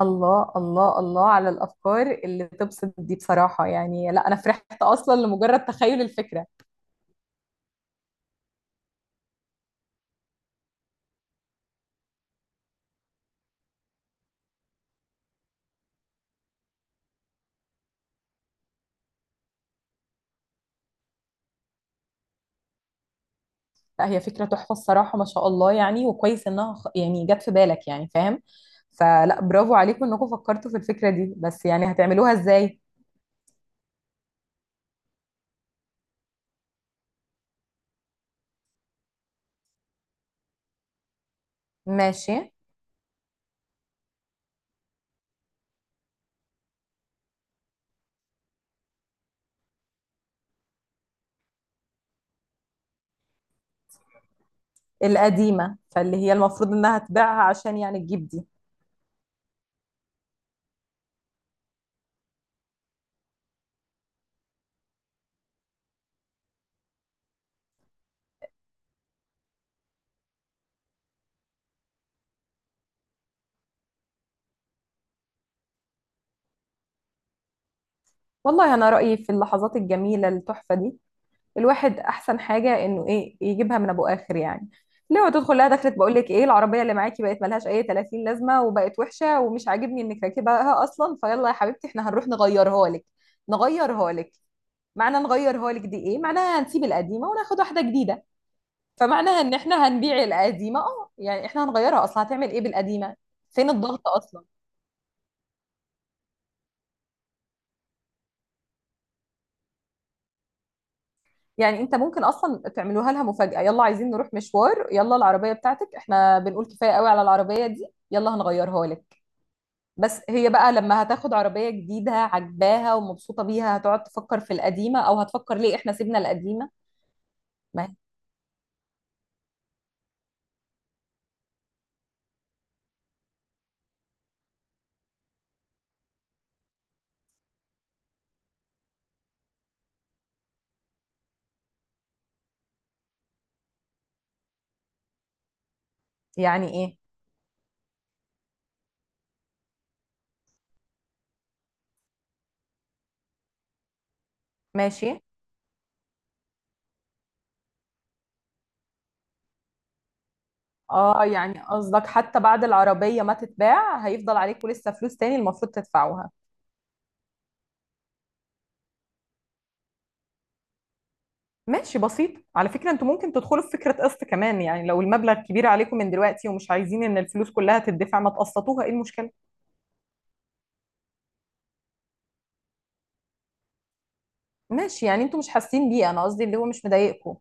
الله الله الله على الافكار اللي تبسط دي بصراحه، يعني لا انا فرحت اصلا لمجرد تخيل الفكره. لا هي فكره تحفه الصراحه ما شاء الله، يعني وكويس انها يعني جت في بالك، يعني فاهم. فلا برافو عليكم انكم فكرتوا في الفكره دي، بس يعني هتعملوها ازاي؟ ماشي. القديمه فاللي هي المفروض انها تبيعها عشان يعني تجيب دي. والله انا رايي في اللحظات الجميله التحفه دي الواحد احسن حاجه انه ايه يجيبها من ابو اخر يعني. لو تدخل لها دخلت بقول لك ايه، العربيه اللي معاكي بقت ملهاش اي 30 لازمه وبقت وحشه ومش عاجبني انك راكبها اصلا، فيلا يا حبيبتي احنا هنروح نغيرها لك. نغيرها لك، معنى نغيرها لك دي ايه معناها؟ هنسيب القديمه وناخد واحده جديده. فمعناها ان احنا هنبيع القديمه، اه يعني احنا هنغيرها اصلا، هتعمل ايه بالقديمه؟ فين الضغط اصلا؟ يعني انت ممكن اصلا تعملوها لها مفاجاه، يلا عايزين نروح مشوار يلا العربيه بتاعتك احنا بنقول كفايه قوي على العربيه دي، يلا هنغيرها لك. بس هي بقى لما هتاخد عربية جديدة عجباها ومبسوطة بيها هتقعد تفكر في القديمة، او هتفكر ليه احنا سيبنا القديمة؟ ما يعني ايه؟ ماشي. اه يعني قصدك حتى بعد العربية ما تتباع هيفضل عليكم لسه فلوس تاني المفروض تدفعوها. ماشي بسيط، على فكرة انتوا ممكن تدخلوا في فكرة قسط كمان، يعني لو المبلغ كبير عليكم من دلوقتي ومش عايزين ان الفلوس كلها تدفع ما تقسطوها، ايه المشكلة؟ ماشي، يعني انتوا مش حاسين بيه، انا قصدي اللي هو مش مضايقكم.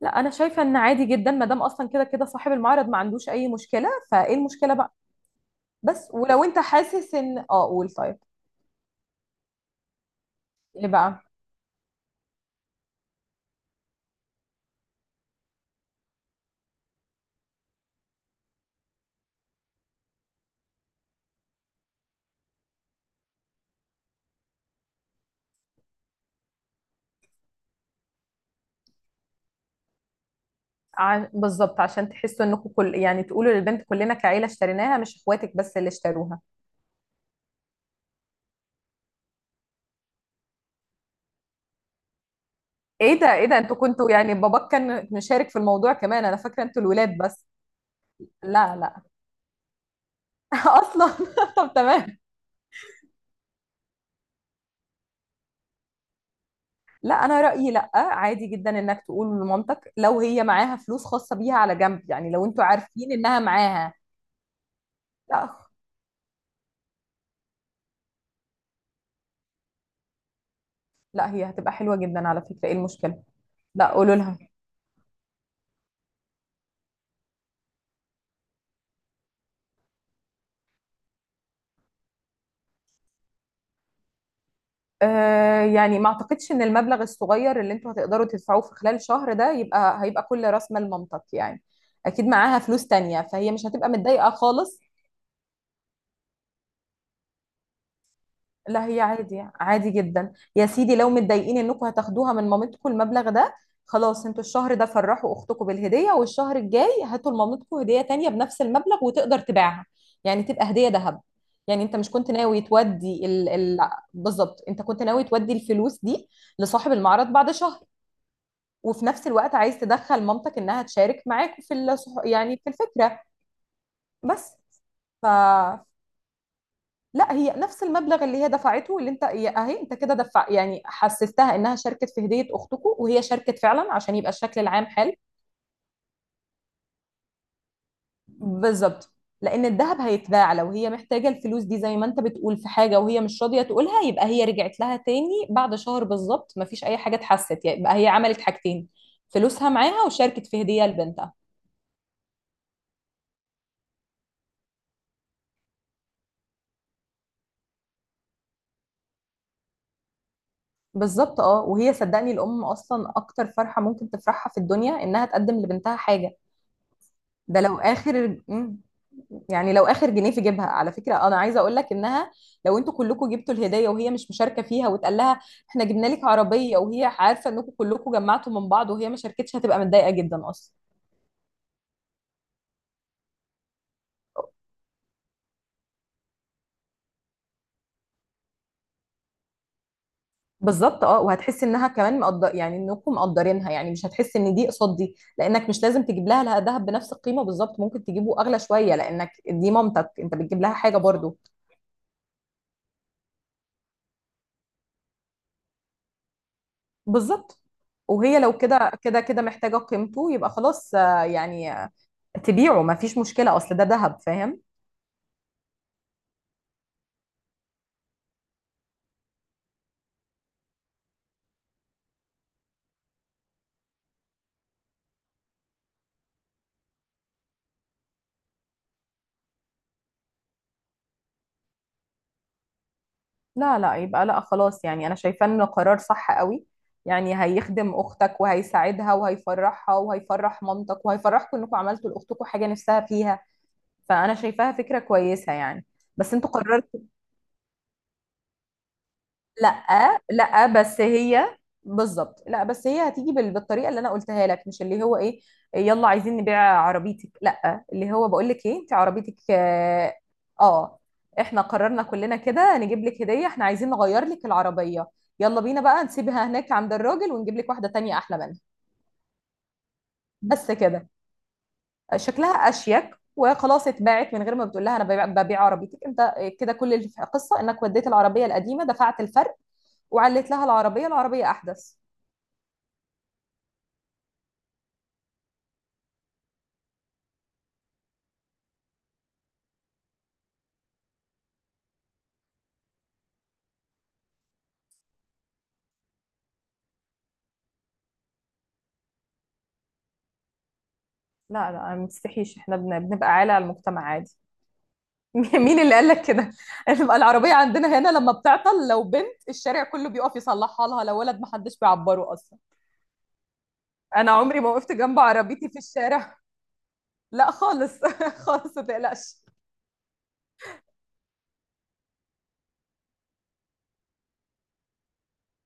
لا انا شايفه ان عادي جدا ما دام اصلا كده كده صاحب المعرض ما عندوش اي مشكله، فايه المشكله بقى؟ بس ولو انت حاسس ان اه قول طيب. ايه بقى؟ بالظبط عشان تحسوا انكم كل يعني تقولوا للبنت كلنا كعيله اشتريناها مش اخواتك بس اللي اشتروها. ايه ده ايه ده، انتوا كنتوا يعني باباك كان مشارك في الموضوع كمان؟ انا فاكره انتوا الولاد بس. لا لا. اصلا. طب تمام. لا انا رايي لا عادي جدا انك تقول لمامتك لو هي معاها فلوس خاصه بيها على جنب، يعني لو انتوا عارفين انها معاها. لا لا هي هتبقى حلوة جدا على فكرة، ايه المشكلة؟ لا قولوا لها. آه يعني ما اعتقدش ان المبلغ الصغير اللي انتوا هتقدروا تدفعوه في خلال شهر ده يبقى هيبقى كل راس مال مامتك يعني. اكيد معاها فلوس تانية فهي مش هتبقى متضايقة خالص. لا هي عادي عادي جدا يا سيدي، لو متضايقين انكم هتاخدوها من مامتكم المبلغ ده خلاص انتوا الشهر ده فرحوا اختكم بالهديه والشهر الجاي هاتوا لمامتكم هديه تانية بنفس المبلغ وتقدر تبيعها، يعني تبقى هديه ذهب. يعني انت مش كنت ناوي تودي ال... ال... بالظبط انت كنت ناوي تودي الفلوس دي لصاحب المعرض بعد شهر، وفي نفس الوقت عايز تدخل مامتك انها تشارك معاك في الصح... يعني في الفكره. بس ف... لا هي نفس المبلغ اللي هي دفعته اللي انت اهي انت كده دفع يعني حسستها انها شاركت في هدية اختكم، وهي شاركت فعلا عشان يبقى الشكل العام حلو. بالظبط، لان الذهب هيتباع لو هي محتاجة الفلوس دي زي ما انت بتقول في حاجة وهي مش راضية تقولها، يبقى هي رجعت لها تاني بعد شهر بالظبط، مفيش اي حاجة اتحست، يعني يبقى هي عملت حاجتين، فلوسها معاها وشاركت في هدية لبنتها. بالظبط اه، وهي صدقني الام اصلا اكتر فرحة ممكن تفرحها في الدنيا انها تقدم لبنتها حاجة. ده لو اخر يعني لو اخر جنيه في جيبها، على فكره انا عايزه اقول لك انها لو انتوا كلكم جبتوا الهديه وهي مش مشاركه فيها واتقال لها احنا جبنا لك عربيه وهي عارفه انكم كلكم جمعتوا من بعض وهي ما شاركتش هتبقى متضايقه جدا اصلا. بالظبط اه، وهتحس انها كمان مقدر يعني انكم مقدرينها، يعني مش هتحس ان دي قصاد دي لانك مش لازم تجيب لها دهب بنفس القيمه بالظبط، ممكن تجيبه اغلى شويه لانك دي مامتك انت بتجيب لها حاجه برضو. بالظبط، وهي لو كده كده كده محتاجه قيمته يبقى خلاص آه، يعني تبيعه ما فيش مشكلة أصل ده ذهب، فاهم؟ لا لا، يبقى لا خلاص يعني أنا شايفة إنه قرار صح قوي، يعني هيخدم أختك وهيساعدها وهيفرحها وهيفرح مامتك وهيفرحكم إنكم عملتوا لأختكم حاجة نفسها فيها. فأنا شايفاها فكرة كويسة يعني. بس أنتوا قررتوا. لا لا بس هي، بالظبط لا بس هي هتيجي بالطريقه اللي انا قلتها لك مش اللي هو ايه يلا عايزين نبيع عربيتك، لا اللي هو بقول لك ايه، انت عربيتك اه آه، احنا قررنا كلنا كده نجيب لك هديه احنا عايزين نغير لك العربيه، يلا بينا بقى نسيبها هناك عند الراجل ونجيب لك واحده تانية احلى منها. بس كده، شكلها اشيك وخلاص اتباعت من غير ما بتقول لها انا ببيع عربيتك، انت كده كل القصه انك وديت العربيه القديمه دفعت الفرق وعلت لها العربيه احدث. لا لا ما تستحيش احنا بنبقى عالة على المجتمع عادي. مين اللي قال لك كده؟ بتبقى العربية عندنا هنا لما بتعطل لو بنت الشارع كله بيقف يصلحها لها، لو ولد محدش بيعبره أصلا. أنا عمري ما وقفت جنب عربيتي في الشارع. لا خالص خالص ما تقلقش.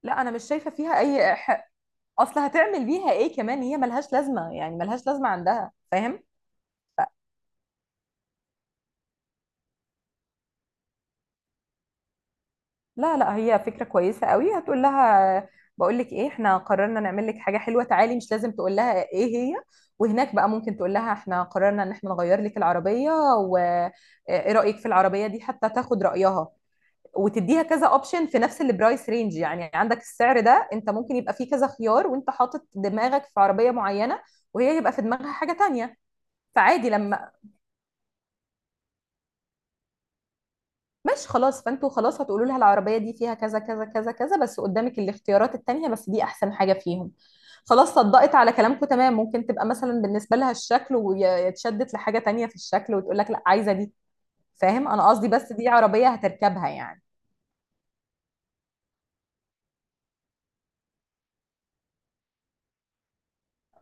لا أنا مش شايفة فيها أي حق، أصل هتعمل بيها إيه كمان هي ملهاش لازمة، يعني ملهاش لازمة عندها، فاهم؟ لا لا هي فكرة كويسة قوي هتقول لها، بقول لك ايه احنا قررنا نعمل لك حاجة حلوة تعالي، مش لازم تقول لها ايه هي. وهناك بقى ممكن تقول لها احنا قررنا ان احنا نغير لك العربية، وايه رأيك في العربية دي، حتى تاخد رأيها وتديها كذا اوبشن في نفس البرايس رينج، يعني عندك السعر ده انت ممكن يبقى فيه كذا خيار وانت حاطط دماغك في عربية معينة وهي يبقى في دماغها حاجة تانية. فعادي لما، ماشي خلاص فانتوا خلاص هتقولوا لها العربية دي فيها كذا كذا كذا كذا بس قدامك الاختيارات التانية، بس دي احسن حاجة فيهم. خلاص صدقت على كلامكم تمام، ممكن تبقى مثلا بالنسبة لها الشكل ويتشدت لحاجة تانية في الشكل وتقول لك لا عايزة دي، فاهم انا قصدي؟ بس دي عربية هتركبها يعني.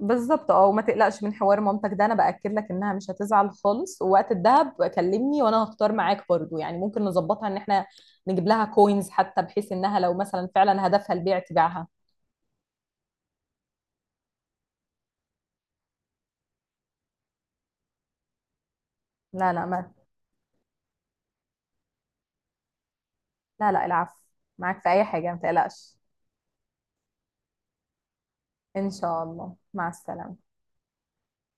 بالظبط اه، وما تقلقش من حوار مامتك ده، انا باكد لك انها مش هتزعل خالص، ووقت الدهب كلمني وانا هختار معاك برضو، يعني ممكن نظبطها ان احنا نجيب لها كوينز حتى بحيث انها لو مثلا فعلا هدفها البيع تبيعها. لا لا ما، لا لا العفو، معاك في اي حاجة ما تقلقش. ان شاء الله مع السلامة.